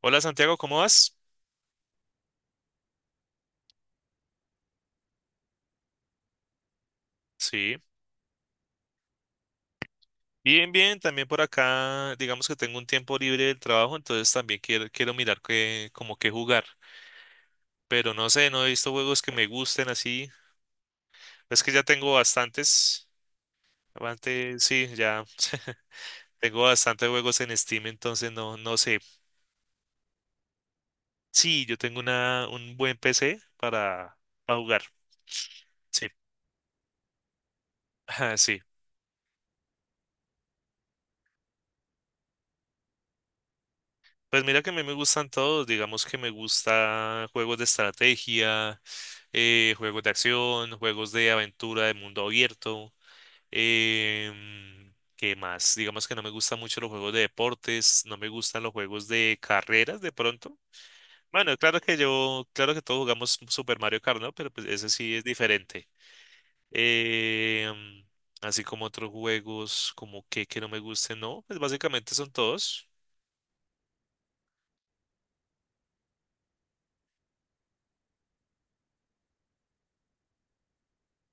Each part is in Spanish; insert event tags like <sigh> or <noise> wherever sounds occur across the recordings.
Hola Santiago, ¿cómo vas? Sí, bien, bien, también por acá, digamos que tengo un tiempo libre del trabajo, entonces también quiero mirar qué, como qué jugar, pero no sé, no he visto juegos que me gusten así, es que ya tengo bastantes, antes sí, ya <laughs> tengo bastantes juegos en Steam, entonces no, no sé, sí, yo tengo una, un buen PC para jugar, sí, <laughs> ah sí, pues mira que a mí me gustan todos, digamos que me gusta juegos de estrategia, juegos de acción, juegos de aventura de mundo abierto. ¿Qué más? Digamos que no me gustan mucho los juegos de deportes, no me gustan los juegos de carreras de pronto. Bueno, claro que todos jugamos Super Mario Kart, ¿no? Pero pues ese sí es diferente. Em, Así como otros juegos como que no me gusten, ¿no? Pues básicamente son todos.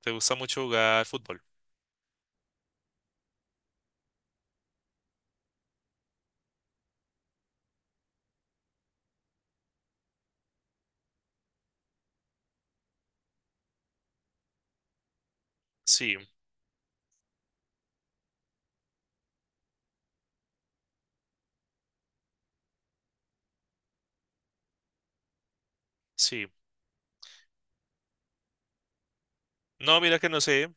¿Te gusta mucho jugar fútbol? Sí, sí. No, mira que no sé.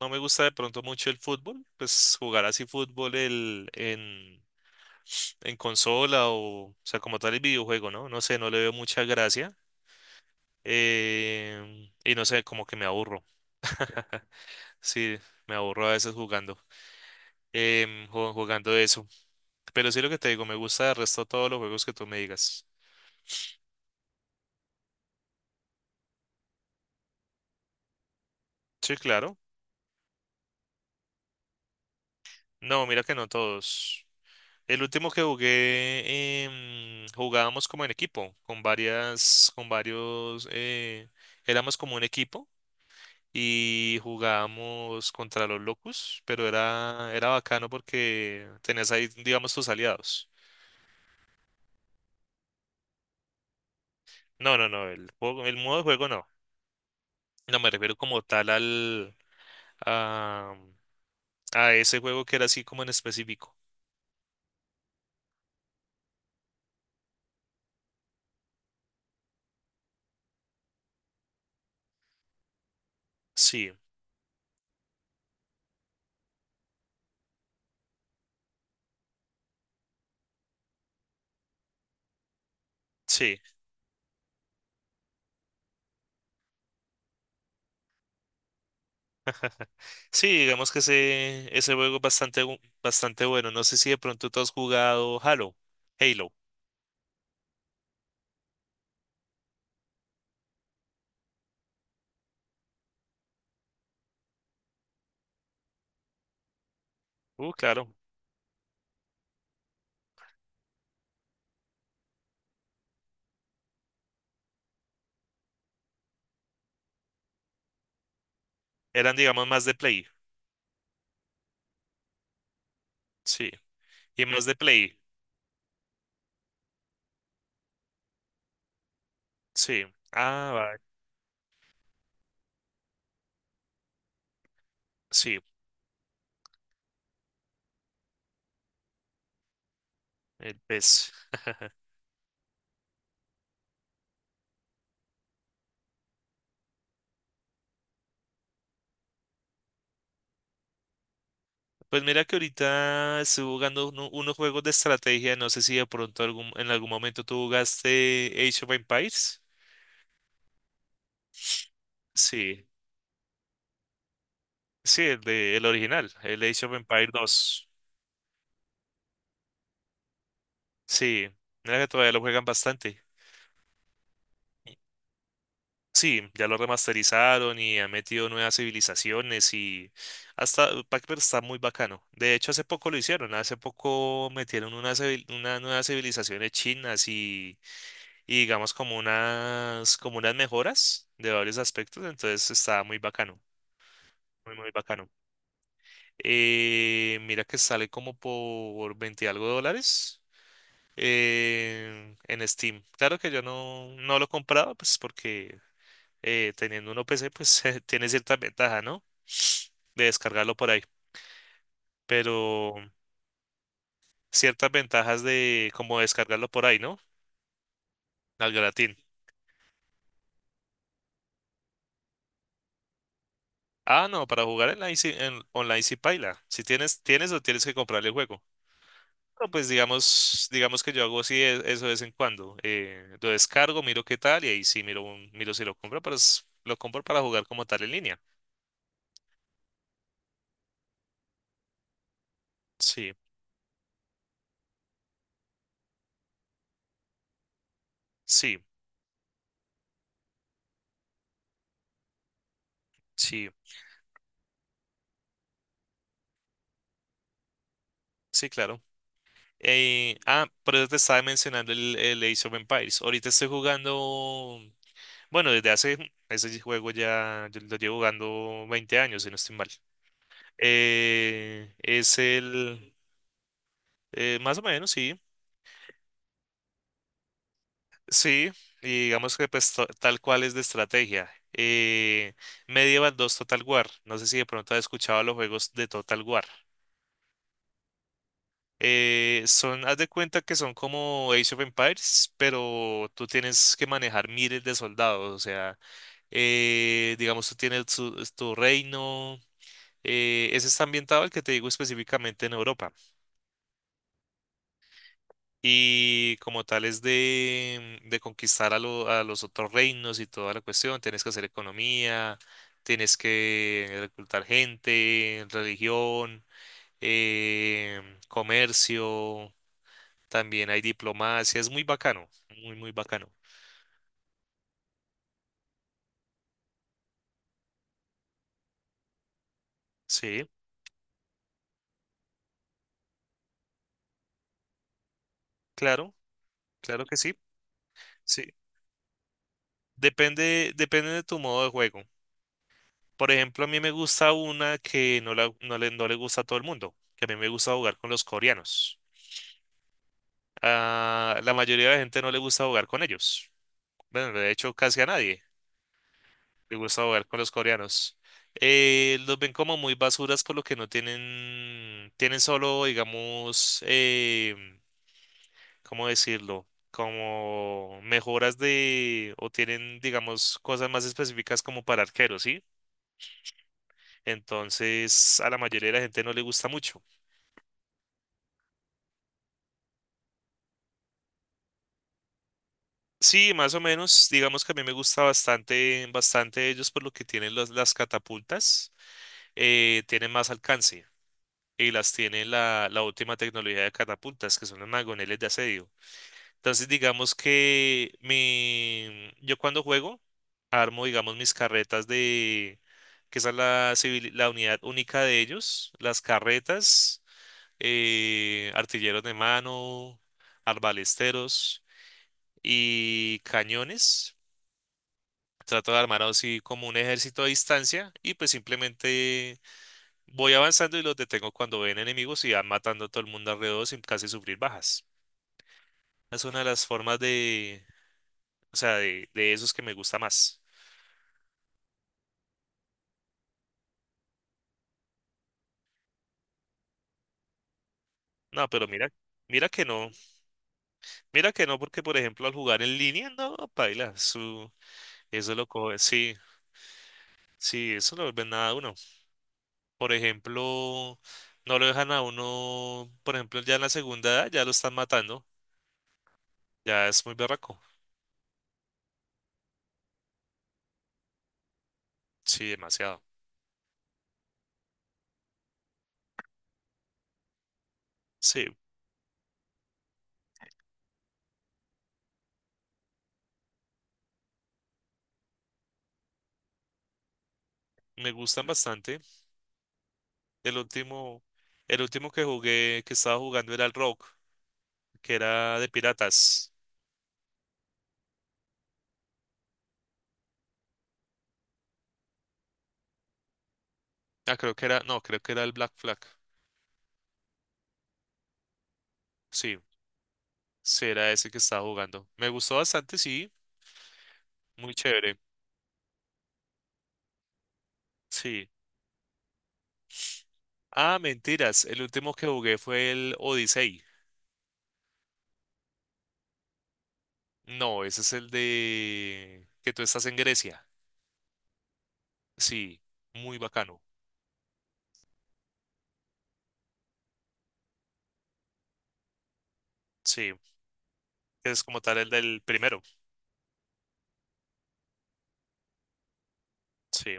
No me gusta de pronto mucho el fútbol, pues jugar así fútbol en consola o sea, como tal el videojuego, ¿no? No sé, no le veo mucha gracia. Y no sé, como que me aburro. Sí, me aburro a veces jugando, jugando eso. Pero sí lo que te digo, me gusta el resto todos los juegos que tú me digas. Sí, claro. No, mira que no todos. El último que jugué, jugábamos como en equipo, con varias, con varios, éramos como un equipo y jugábamos contra los Locus, pero era bacano porque tenías ahí, digamos, tus aliados. No, no, no, el modo de juego no. No me refiero como tal a, a ese juego que era así como en específico. Sí, sí. Sí, digamos que ese juego es bastante bueno. No sé si de pronto tú has jugado Halo. Halo. Claro. Eran, digamos, más de play. Sí. Y más de play. Sí. Ah, va. Sí. El pez. Pues mira que ahorita estoy jugando unos juegos de estrategia. No sé si de pronto en algún momento tú jugaste Age of Empires. Sí, sí, el original, el Age of Empires 2. Sí, mira que todavía lo juegan bastante. Sí, ya lo remasterizaron y han metido nuevas civilizaciones y hasta Pac-Man está muy bacano. De hecho, hace poco metieron unas una civil- una nuevas civilizaciones chinas y digamos como unas mejoras de varios aspectos, entonces está muy bacano, muy, muy bacano. Mira que sale como por 20 y algo de dólares en Steam. Claro que yo no lo he comprado, pues porque teniendo uno PC, pues <laughs> tiene cierta ventaja, ¿no? De descargarlo por ahí, pero ciertas ventajas de como descargarlo por ahí, ¿no? Al gratín. Ah, no, para jugar en online si paila. Si tienes que comprarle el juego. No, pues digamos que yo hago así eso de vez en cuando. Lo descargo, miro qué tal y ahí sí miro si lo compro, pero lo compro para jugar como tal en línea. Sí, sí, sí, sí, claro. Ah, por eso te estaba mencionando el Age of Empires. Ahorita estoy jugando, bueno, desde hace, <laughs> ese juego ya yo lo llevo jugando 20 años, si no estoy mal. Es el, más o menos, sí. Sí, y digamos que pues tal cual es de estrategia. Medieval dos Total War. No sé si de pronto has escuchado los juegos de Total War. Haz de cuenta que son como Age of Empires, pero tú tienes que manejar miles de soldados. O sea, digamos, tú tienes tu reino. Ese está ambientado, el que te digo específicamente en Europa. Y como tal es de conquistar a los otros reinos y toda la cuestión, tienes que hacer economía, tienes que reclutar gente, religión, comercio, también hay diplomacia, es muy bacano, muy, muy bacano. Sí, claro, claro que sí, sí. Depende, depende de tu modo de juego. Por ejemplo, a mí me gusta una que no, no le gusta a todo el mundo, que a mí me gusta jugar con los coreanos. A la mayoría de la gente no le gusta jugar con ellos. Bueno, de hecho, casi a nadie le gusta jugar con los coreanos. Los ven como muy basuras por lo que no tienen solo, digamos, ¿cómo decirlo? Como mejoras de, o tienen, digamos, cosas más específicas como para arqueros, ¿sí? Entonces, a la mayoría de la gente no le gusta mucho. Sí, más o menos, digamos que a mí me gusta bastante, bastante ellos por lo que tienen las catapultas. Tienen más alcance y las tiene la última tecnología de catapultas, que son los magoneles de asedio. Entonces, digamos que yo cuando juego, armo, digamos, mis carretas de, que esa es la unidad única de ellos, las carretas, artilleros de mano, arbalesteros y cañones. Trato de armar así como un ejército a distancia y pues simplemente voy avanzando y los detengo cuando ven enemigos y van matando a todo el mundo alrededor sin casi sufrir bajas. Es una de las formas de, o sea, de esos que me gusta más. No, pero mira que no, mira que no, porque por ejemplo al jugar en línea, no, paila, eso lo coge, sí, sí, eso lo vuelve nada a uno. Por ejemplo, no lo dejan a uno, por ejemplo, ya en la segunda edad ya lo están matando, ya es muy berraco. Sí, demasiado. Sí, me gustan bastante. El último, el último que jugué, que estaba jugando era el Rock, que era de piratas. Ah, creo que era, no, creo que era el Black Flag. Sí, sí, era ese que estaba jugando. Me gustó bastante, sí, muy chévere. Sí. Ah, mentiras, el último que jugué fue el Odyssey. No, ese es el de que tú estás en Grecia. Sí, muy bacano. Sí, es como tal el del primero. Sí,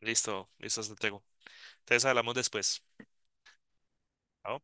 listo, listo, se tengo. Entonces hablamos después. ¿No?